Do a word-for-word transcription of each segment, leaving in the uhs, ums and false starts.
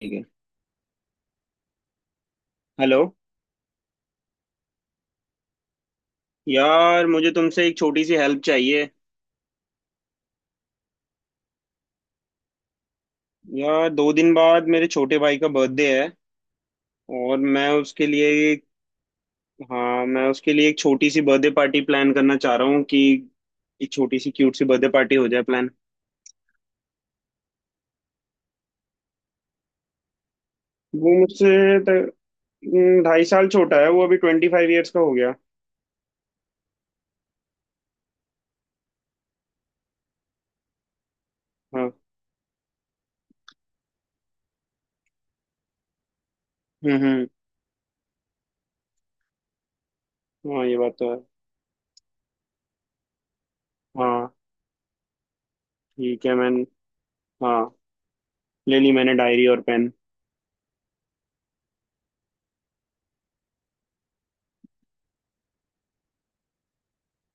ठीक है। हेलो। यार मुझे तुमसे एक छोटी सी हेल्प चाहिए। यार दो दिन बाद मेरे छोटे भाई का बर्थडे है। और मैं उसके लिए हाँ, मैं उसके लिए एक छोटी सी बर्थडे पार्टी प्लान करना चाह रहा हूँ कि एक छोटी सी क्यूट सी बर्थडे पार्टी हो जाए प्लान। वो मुझसे त- हम्म, ढाई साल छोटा है, वो अभी ट्वेंटी फाइव ईयर्स का हो गया। हाँ। हम्म हम्म। हाँ ये बात तो है। हाँ ठीक है मैंने। हाँ, ले ली मैंने डायरी और पेन।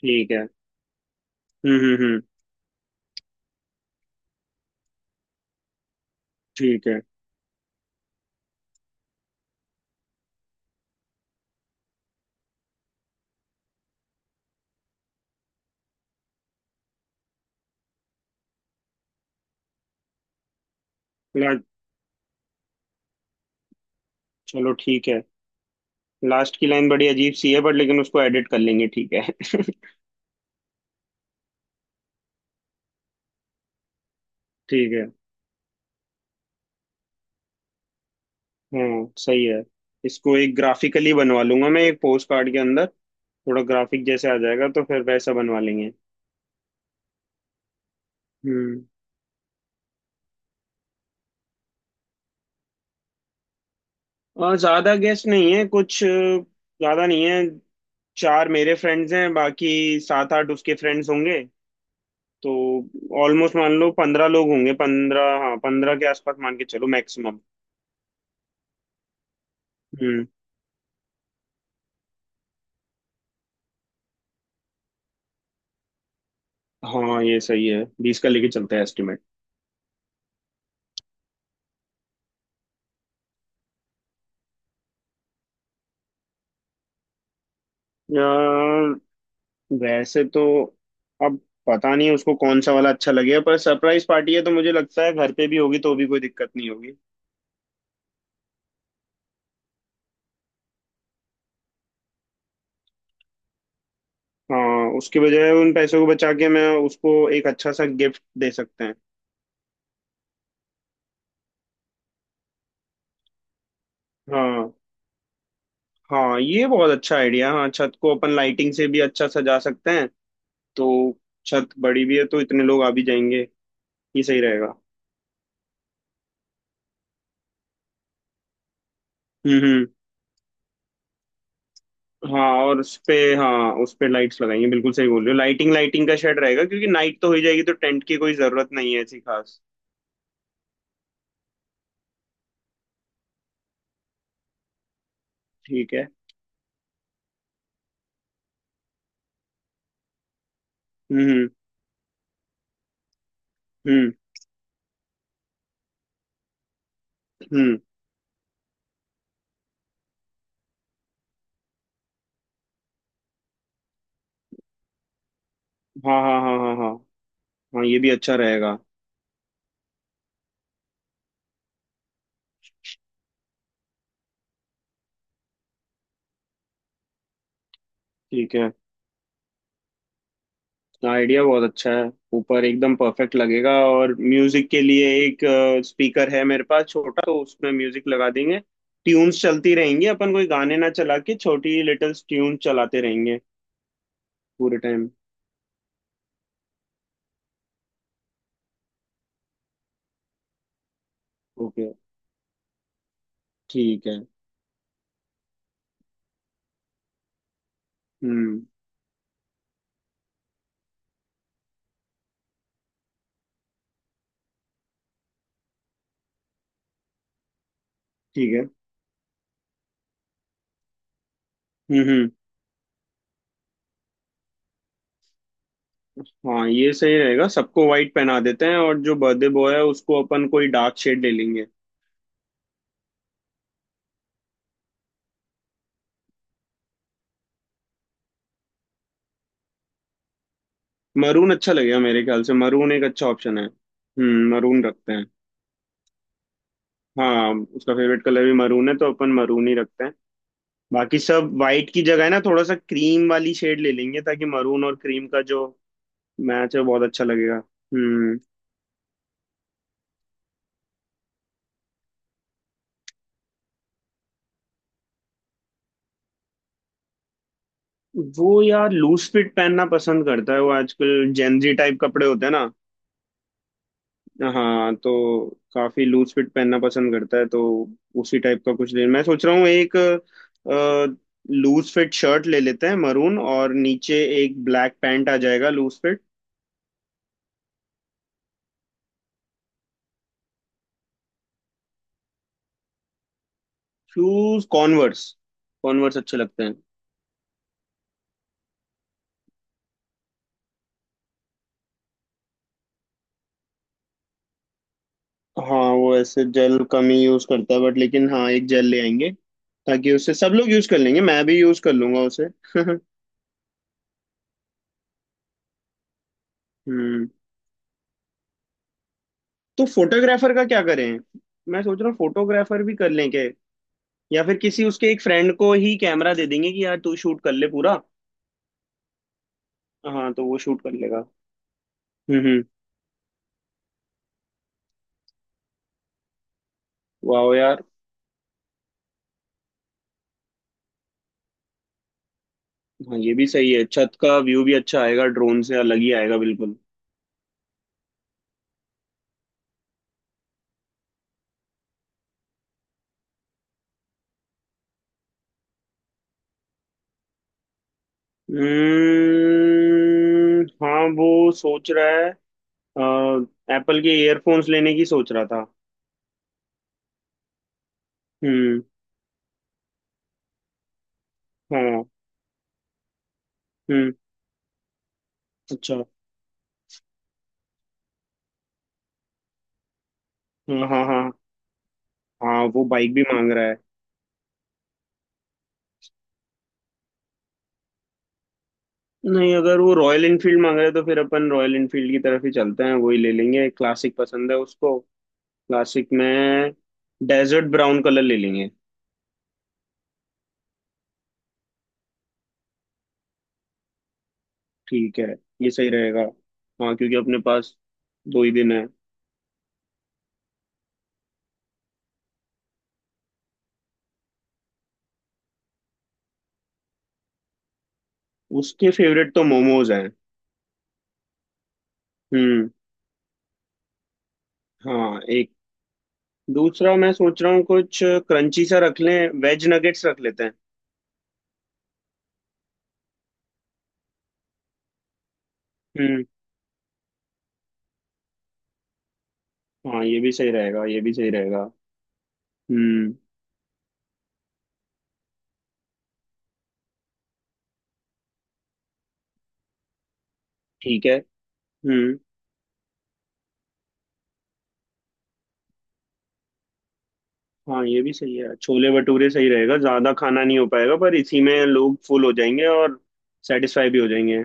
ठीक है। हम्म हम्म हम्म। ठीक है। ला- चलो ठीक है। लास्ट की लाइन बड़ी अजीब सी है बट लेकिन उसको एडिट कर लेंगे, ठीक है। ठीक है। हाँ सही है। इसको एक ग्राफिकली बनवा लूंगा मैं, एक पोस्ट कार्ड के अंदर थोड़ा ग्राफिक जैसे आ जाएगा तो फिर वैसा बनवा लेंगे। हम्म। और ज्यादा गेस्ट नहीं है कुछ, अ, ज्यादा नहीं है। चार मेरे फ्रेंड्स हैं, बाकी सात आठ उसके फ्रेंड्स होंगे। तो ऑलमोस्ट मान लो पंद्रह लोग होंगे, पंद्रह, हाँ, पंद्रह के आसपास मान के चलो मैक्सिमम। हम्म। हाँ ये सही है, बीस का लेके चलते हैं। एस्टिमेट। वैसे तो अब पता नहीं उसको कौन सा वाला अच्छा लगेगा, पर सरप्राइज पार्टी है तो मुझे लगता है घर पे भी होगी तो भी कोई दिक्कत नहीं होगी। हाँ, उसके बजाय उन पैसों को बचा के मैं उसको एक अच्छा सा गिफ्ट दे सकते हैं। हाँ। हाँ ये बहुत अच्छा आइडिया, हाँ छत को अपन लाइटिंग से भी अच्छा सजा सकते हैं। तो छत बड़ी भी है तो इतने लोग आ भी जाएंगे, ये सही रहेगा। हम्म हम्म। हाँ और उस पे, हाँ उस पे लाइट्स लगाएंगे, बिल्कुल सही बोल रहे हो, लाइटिंग लाइटिंग का शेड रहेगा क्योंकि नाइट तो हो ही जाएगी, तो टेंट की कोई जरूरत नहीं है ऐसी खास। ठीक है। हम्म हम्म हम्म। हाँ हाँ हाँ हाँ हाँ। हाँ ये भी अच्छा रहेगा। ठीक है। आइडिया बहुत अच्छा है, ऊपर एकदम परफेक्ट लगेगा और म्यूजिक के लिए एक स्पीकर है मेरे पास छोटा, तो उसमें म्यूजिक लगा देंगे, ट्यून्स चलती रहेंगी, अपन कोई गाने ना चला के छोटी लिटिल ट्यून चलाते रहेंगे पूरे टाइम। ओके। ठीक है। हम्म। ठीक है। हम्म हम्म। हाँ ये सही रहेगा, सबको वाइट पहना देते हैं और जो बर्थडे बॉय है उसको अपन कोई डार्क शेड ले लेंगे। मरून अच्छा लगेगा मेरे ख्याल से, मरून एक अच्छा ऑप्शन है। हम्म। मरून रखते हैं। हाँ, उसका फेवरेट कलर भी मरून है तो अपन मरून ही रखते हैं। बाकी सब वाइट की जगह है ना थोड़ा सा क्रीम वाली शेड ले लेंगे, ताकि मरून और क्रीम का जो मैच है बहुत अच्छा लगेगा। हम्म। वो यार लूज फिट पहनना पसंद करता है, वो आजकल जेंजी टाइप कपड़े होते हैं ना। हाँ, तो काफी लूज फिट पहनना पसंद करता है, तो उसी टाइप का कुछ ले, मैं सोच रहा हूँ एक लूज फिट शर्ट ले लेते हैं मरून, और नीचे एक ब्लैक पैंट आ जाएगा loose fit. Shoes Converse, Converse अच्छे लगते हैं। हाँ वो ऐसे जेल कम ही यूज करता है बट लेकिन हाँ एक जेल ले आएंगे, ताकि उससे सब लोग यूज कर लेंगे, मैं भी यूज कर लूंगा उसे। हम्म। तो फोटोग्राफर का क्या करें, मैं सोच रहा हूँ फोटोग्राफर भी कर लें क्या, या फिर किसी उसके एक फ्रेंड को ही कैमरा दे देंगे कि यार तू शूट कर ले पूरा। हाँ तो वो शूट कर लेगा। हम्म हम्म। वाह यार। हाँ ये भी सही है, छत का व्यू भी अच्छा आएगा ड्रोन से, अलग ही आएगा बिल्कुल। हम्म। हाँ वो सोच रहा है, एप्पल के ईयरफोन्स लेने की सोच रहा था। हम्म। हाँ। हम्म। अच्छा। हाँ हाँ हाँ। हाँ वो बाइक भी मांग रहा है। नहीं, अगर वो रॉयल इनफील्ड मांग रहा है तो फिर अपन रॉयल इनफील्ड की तरफ ही चलते हैं, वही ले लेंगे, क्लासिक पसंद है उसको। क्लासिक में डेजर्ट ब्राउन कलर ले लेंगे। ठीक है। ये सही रहेगा। हाँ क्योंकि अपने पास दो ही दिन है। उसके फेवरेट तो मोमोज हैं। हम्म। हाँ एक, दूसरा मैं सोच रहा हूँ कुछ क्रंची सा रख लें, वेज नगेट्स रख लेते हैं। हम्म। हाँ ये भी सही रहेगा, ये भी सही रहेगा। हम्म। ठीक है। हम्म। हाँ ये भी सही है, छोले भटूरे सही रहेगा, ज्यादा खाना नहीं हो पाएगा पर इसी में लोग फुल हो जाएंगे और सेटिस्फाई भी हो जाएंगे।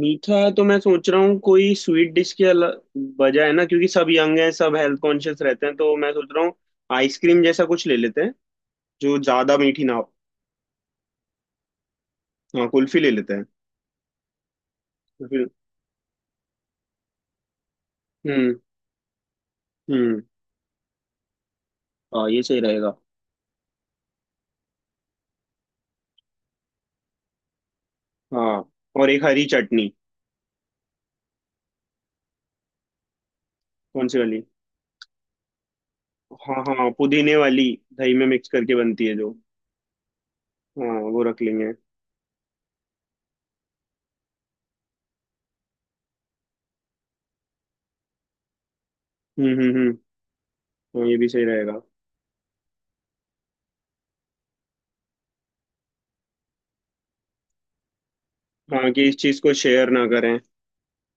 मीठा तो मैं सोच रहा हूँ कोई स्वीट डिश के अला- बजाय ना, क्योंकि सब यंग हैं, सब हेल्थ कॉन्शियस रहते हैं, तो मैं सोच रहा हूँ आइसक्रीम जैसा कुछ ले लेते हैं जो ज्यादा मीठी ना हो। हाँ कुल्फी ले लेते हैं। कुल्फी। हम्म हम्म। हाँ ये सही रहेगा। हाँ और एक हरी चटनी। कौन सी वाली। हाँ हाँ पुदीने वाली, दही में मिक्स करके बनती है जो। हाँ वो रख लेंगे। हम्म हम्म हम्म। हाँ ये भी सही रहेगा। हाँ कि इस चीज को शेयर ना करें।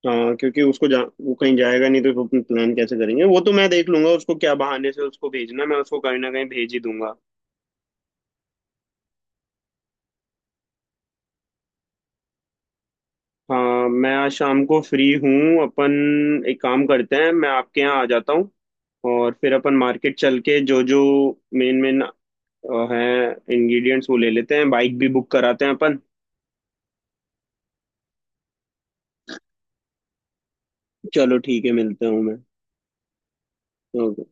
हाँ क्योंकि उसको जा, वो कहीं जाएगा नहीं तो अपना प्लान कैसे करेंगे, वो तो मैं देख लूंगा उसको क्या बहाने से उसको भेजना, मैं उसको कहीं ना कहीं भेज ही दूंगा। हाँ मैं आज शाम को फ्री हूँ, अपन एक काम करते हैं, मैं आपके यहाँ आ जाता हूँ, और फिर अपन मार्केट चल के जो जो मेन मेन हैं इंग्रेडिएंट्स वो ले लेते हैं, बाइक भी बुक कराते हैं अपन। चलो ठीक है, मिलते हूँ मैं। ओके।